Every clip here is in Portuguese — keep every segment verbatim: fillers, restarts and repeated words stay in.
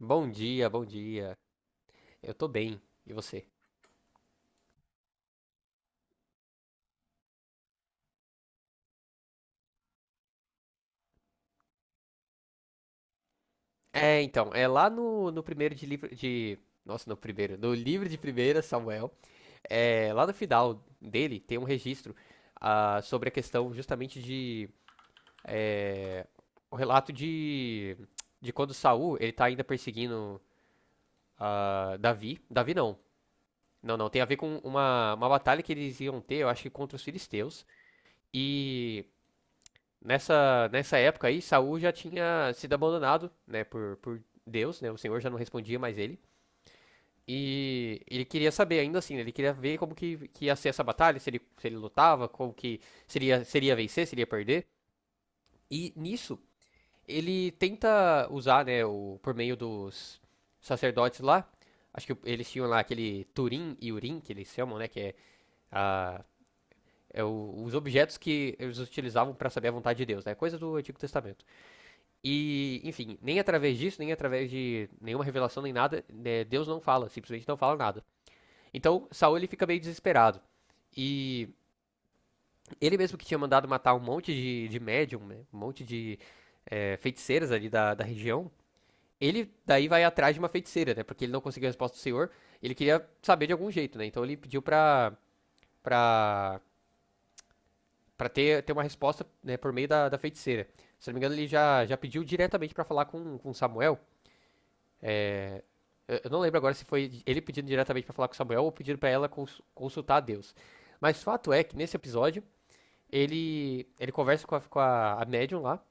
Bom dia, bom dia. Eu tô bem. E você? É, então, é lá no, no primeiro de livro de. Nossa, no primeiro. No livro de primeira, Samuel. É, lá no final dele tem um registro ah, sobre a questão justamente de. O relato de. De quando Saul ele tá ainda perseguindo ah, Davi. Davi não. Não, não. Tem a ver com uma, uma batalha que eles iam ter, eu acho que contra os filisteus. E Nessa, nessa época aí, Saul já tinha sido abandonado, né, por, por Deus, né? O Senhor já não respondia mais ele. E ele queria saber ainda assim, né, ele queria ver como que, que ia ser essa batalha, se ele, se ele lutava, como que seria, seria vencer, seria perder. E nisso, ele tenta usar, né, o, por meio dos sacerdotes lá, acho que eles tinham lá aquele Turim e Urim, que eles chamam, né, que é, a, é o- os objetos que eles utilizavam para saber a vontade de Deus, né, coisa do Antigo Testamento. E, enfim, nem através disso, nem através de nenhuma revelação, nem nada, né, Deus não fala, simplesmente não fala nada. Então, Saul ele fica meio desesperado. E ele mesmo que tinha mandado matar um monte de, de médium, né, um monte de é, feiticeiras ali da, da região, ele daí vai atrás de uma feiticeira, né? Porque ele não conseguiu a resposta do senhor, ele queria saber de algum jeito, né? Então ele pediu pra, pra, pra ter, ter uma resposta né, por meio da, da feiticeira. Se não me engano, ele já, já pediu diretamente pra falar com, com Samuel. É, eu não lembro agora se foi ele pedindo diretamente pra falar com Samuel ou pedindo pra ela cons- consultar a Deus. Mas o fato é que nesse episódio, ele ele conversa com a, com a, a médium lá.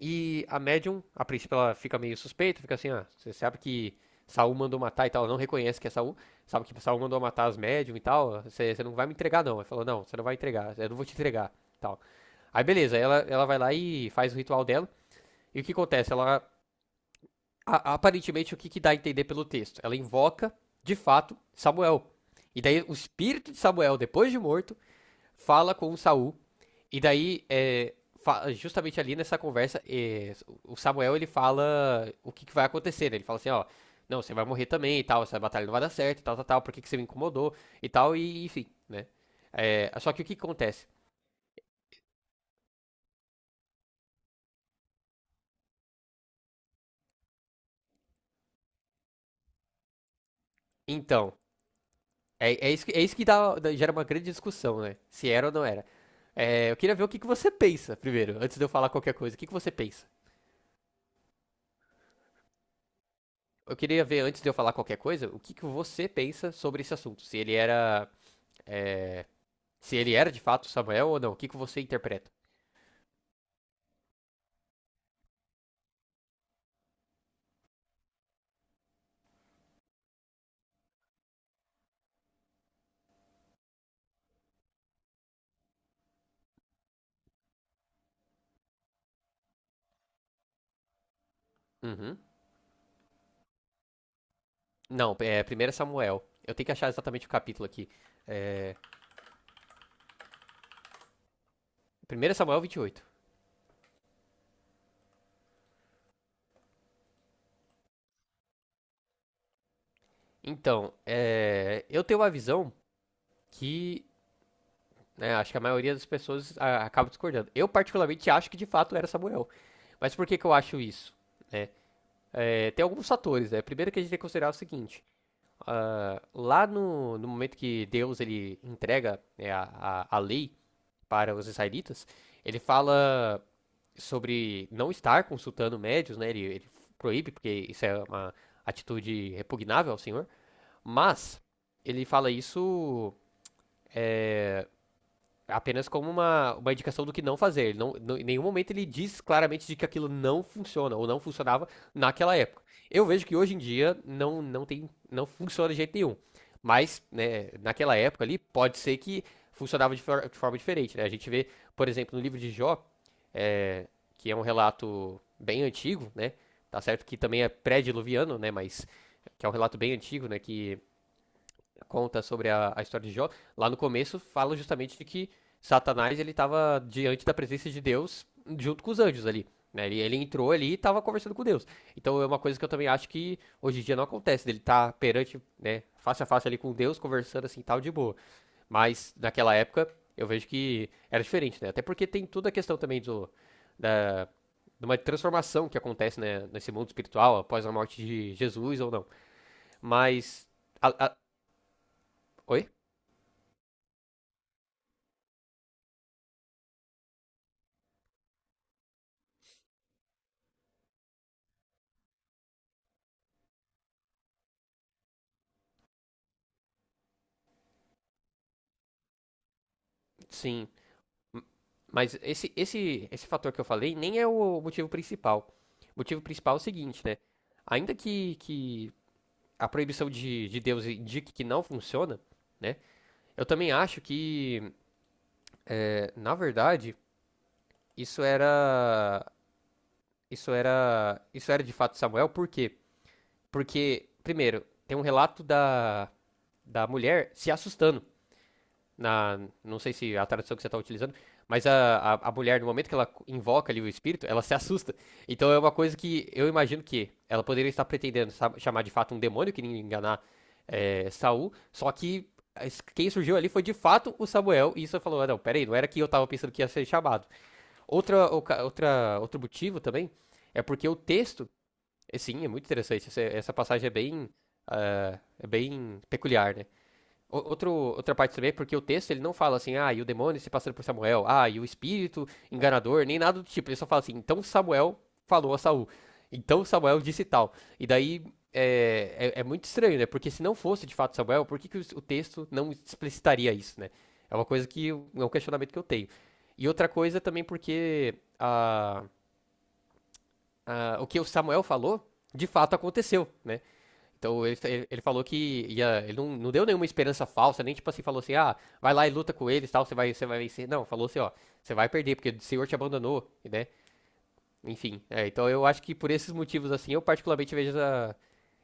E a médium, a princípio, ela fica meio suspeita, fica assim, ah, você sabe que Saul mandou matar e tal, ela não reconhece que é Saul, sabe que Saul mandou matar as médium e tal, você você não vai me entregar não. Ela falou, não, você não vai entregar, eu não vou te entregar, tal. Aí beleza, ela, ela vai lá e faz o ritual dela. E o que acontece? Ela a- aparentemente, o que, que dá a entender pelo texto? Ela invoca, de fato, Samuel. E daí o espírito de Samuel, depois de morto, fala com Saul. E daí, é, justamente ali nessa conversa, é, o Samuel ele fala o que, que vai acontecer, né? Ele fala assim, ó, não, você vai morrer também e tal, essa batalha não vai dar certo e tal, tal, tal, por que, que você me incomodou e tal, e enfim, né? É, só que o que que acontece? Então, É, é isso que, é isso que dá, dá- gera uma grande discussão, né? Se era ou não era. É, eu queria ver o que, que você pensa primeiro, antes de eu falar qualquer coisa. O que, que você pensa? Eu queria ver, antes de eu falar qualquer coisa, o que, que você pensa sobre esse assunto. Se ele era. é, Se ele era de fato Samuel ou não. O que, que você interpreta? Uhum. Não, é, primeiro Samuel. Eu tenho que achar exatamente o capítulo aqui. É, primeiro Samuel vinte e oito. Então, é, eu tenho uma visão que né? Acho que a maioria das pessoas a- acaba discordando. Eu, particularmente, acho que de fato era Samuel. Mas por que, que eu acho isso? Né? É, tem alguns fatores, né? Primeiro que a gente tem que considerar o seguinte: ah, lá no, no momento que Deus ele entrega né, a, a, a lei para os israelitas, ele fala sobre não estar consultando médios, né? Ele, ele proíbe, porque isso é uma atitude repugnável ao Senhor, mas ele fala isso é, apenas como uma, uma indicação do que não fazer. Ele não, não- em nenhum momento ele diz claramente de que aquilo não funciona ou não funcionava naquela época. Eu vejo que hoje em dia não, não tem, não funciona de jeito nenhum. Mas, né, naquela época ali, pode ser que funcionava de, for- de forma diferente, né? A gente vê, por exemplo, no livro de Jó, é, que é um relato bem antigo, né? Tá certo que também é pré-diluviano, né? Mas que é um relato bem antigo, né? Que conta sobre a, a história de Jó, lá no começo fala justamente de que Satanás ele estava diante da presença de Deus junto com os anjos ali. Né? Ele, ele entrou ali e estava conversando com Deus. Então é uma coisa que eu também acho que hoje em dia não acontece, dele estar tá perante, né, face a face ali com Deus, conversando assim tal de boa. Mas naquela época eu vejo que era diferente, né? Até porque tem toda a questão também do, da, de uma transformação que acontece né, nesse mundo espiritual após a morte de Jesus ou não. Mas. a- a- Oi? Sim. Mas esse, esse, esse fator que eu falei nem é o motivo principal. O motivo principal é o seguinte, né? Ainda que, que a proibição de, de Deus indique que não funciona, né? Eu também acho que, é, na verdade, isso era. Isso era. Isso era de fato Samuel, por quê? Porque, primeiro, tem um relato da, da mulher se assustando. Na, não sei se a tradução que você está utilizando, mas a, a, a mulher, no momento que ela invoca ali o espírito, ela se assusta. Então é uma coisa que eu imagino que ela poderia estar pretendendo sa- chamar de fato um demônio que iria enganar é, Saul, só que as- quem surgiu ali foi de fato o Samuel, e isso falou, ah, não, peraí, não era que eu estava pensando que ia ser chamado. Outra, oca- outra, outro motivo também é porque o texto, é, sim, é muito interessante, essa, essa passagem é bem, ah, é bem peculiar, né? O- Outro, outra parte também é porque o texto ele não fala assim, ah, e o demônio se passando por Samuel, ah, e o espírito enganador, nem nada do tipo. Ele só fala assim, então Samuel falou a Saul. Então Samuel disse tal. E daí é, é, é muito estranho, né? Porque se não fosse de fato Samuel, por que, que o, o texto não explicitaria isso, né? É uma coisa que. Eu- É um questionamento que eu tenho. E outra coisa também porque a, a, o que o Samuel falou, de fato aconteceu, né? Então ele, ele- falou que ia, ele não, não deu nenhuma esperança falsa, nem tipo assim, falou assim, ah, vai lá e luta com eles, tal, você vai, você vai vencer. Não, falou assim, ó, você vai perder, porque o Senhor te abandonou, né? Enfim, é, então eu acho que por esses motivos assim, eu particularmente vejo essa,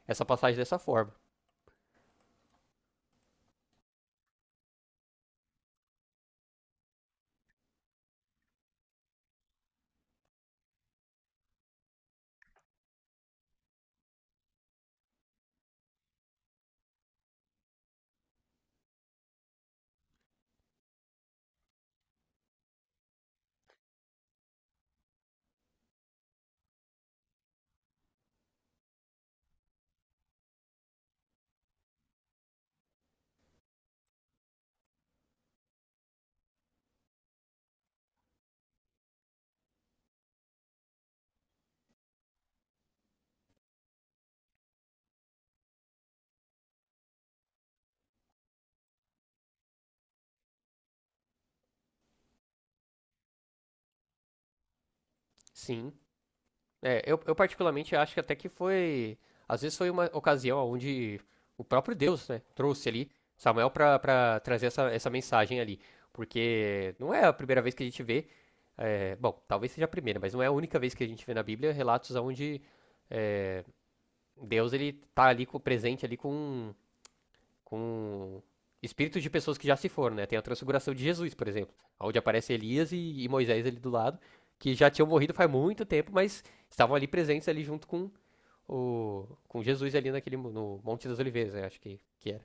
essa passagem dessa forma. Sim. É, eu, eu particularmente acho que até que foi. Às vezes foi uma ocasião onde o próprio Deus, né, trouxe ali Samuel para para trazer essa, essa mensagem ali. Porque não é a primeira vez que a gente vê. É, bom, talvez seja a primeira, mas não é a única vez que a gente vê na Bíblia relatos onde Deus ele tá ali co- presente ali com um com espíritos de pessoas que já se foram, né? Tem a transfiguração de Jesus, por exemplo, onde aparece Elias e, e Moisés ali do lado, que já tinham morrido faz muito tempo, mas estavam ali presentes ali junto com o com Jesus ali naquele no Monte das Oliveiras, né? Acho que que era.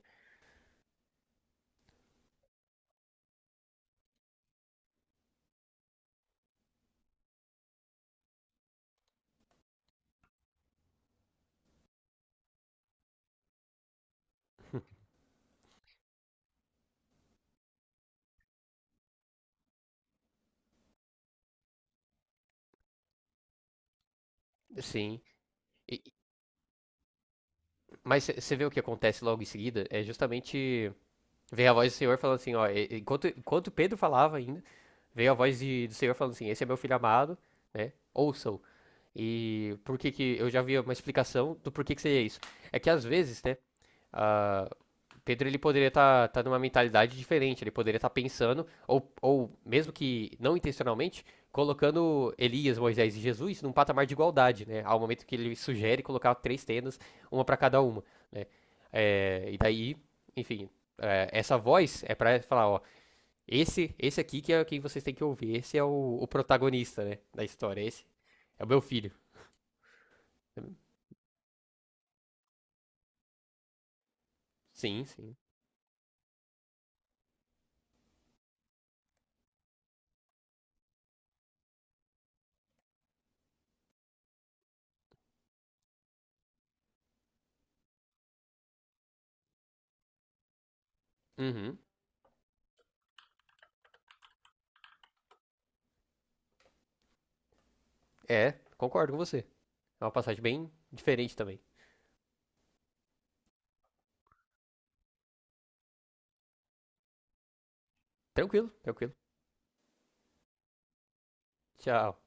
Sim. E- mas você vê o que acontece logo em seguida? É justamente veio a voz do Senhor falando assim, ó, enquanto enquanto Pedro falava ainda, veio a voz de- do Senhor falando assim, esse é meu filho amado, né? Ouçam. E por que que eu já vi uma explicação do porquê que seria isso. É que às vezes, né, ah, Pedro ele poderia estar tá, tá numa mentalidade diferente, ele poderia estar pensando ou, ou mesmo que não intencionalmente colocando Elias, Moisés e Jesus num patamar de igualdade, né? Ao momento que ele sugere colocar três tendas, uma para cada uma, né? É, e daí, enfim, é, essa voz é para falar, ó, esse, esse aqui que é quem vocês têm que ouvir, esse é o, o protagonista, né, da história, esse é o meu filho. Sim, sim. Uhum. É, concordo com você. É uma passagem bem diferente também. Tranquilo, tranquilo. Tchau.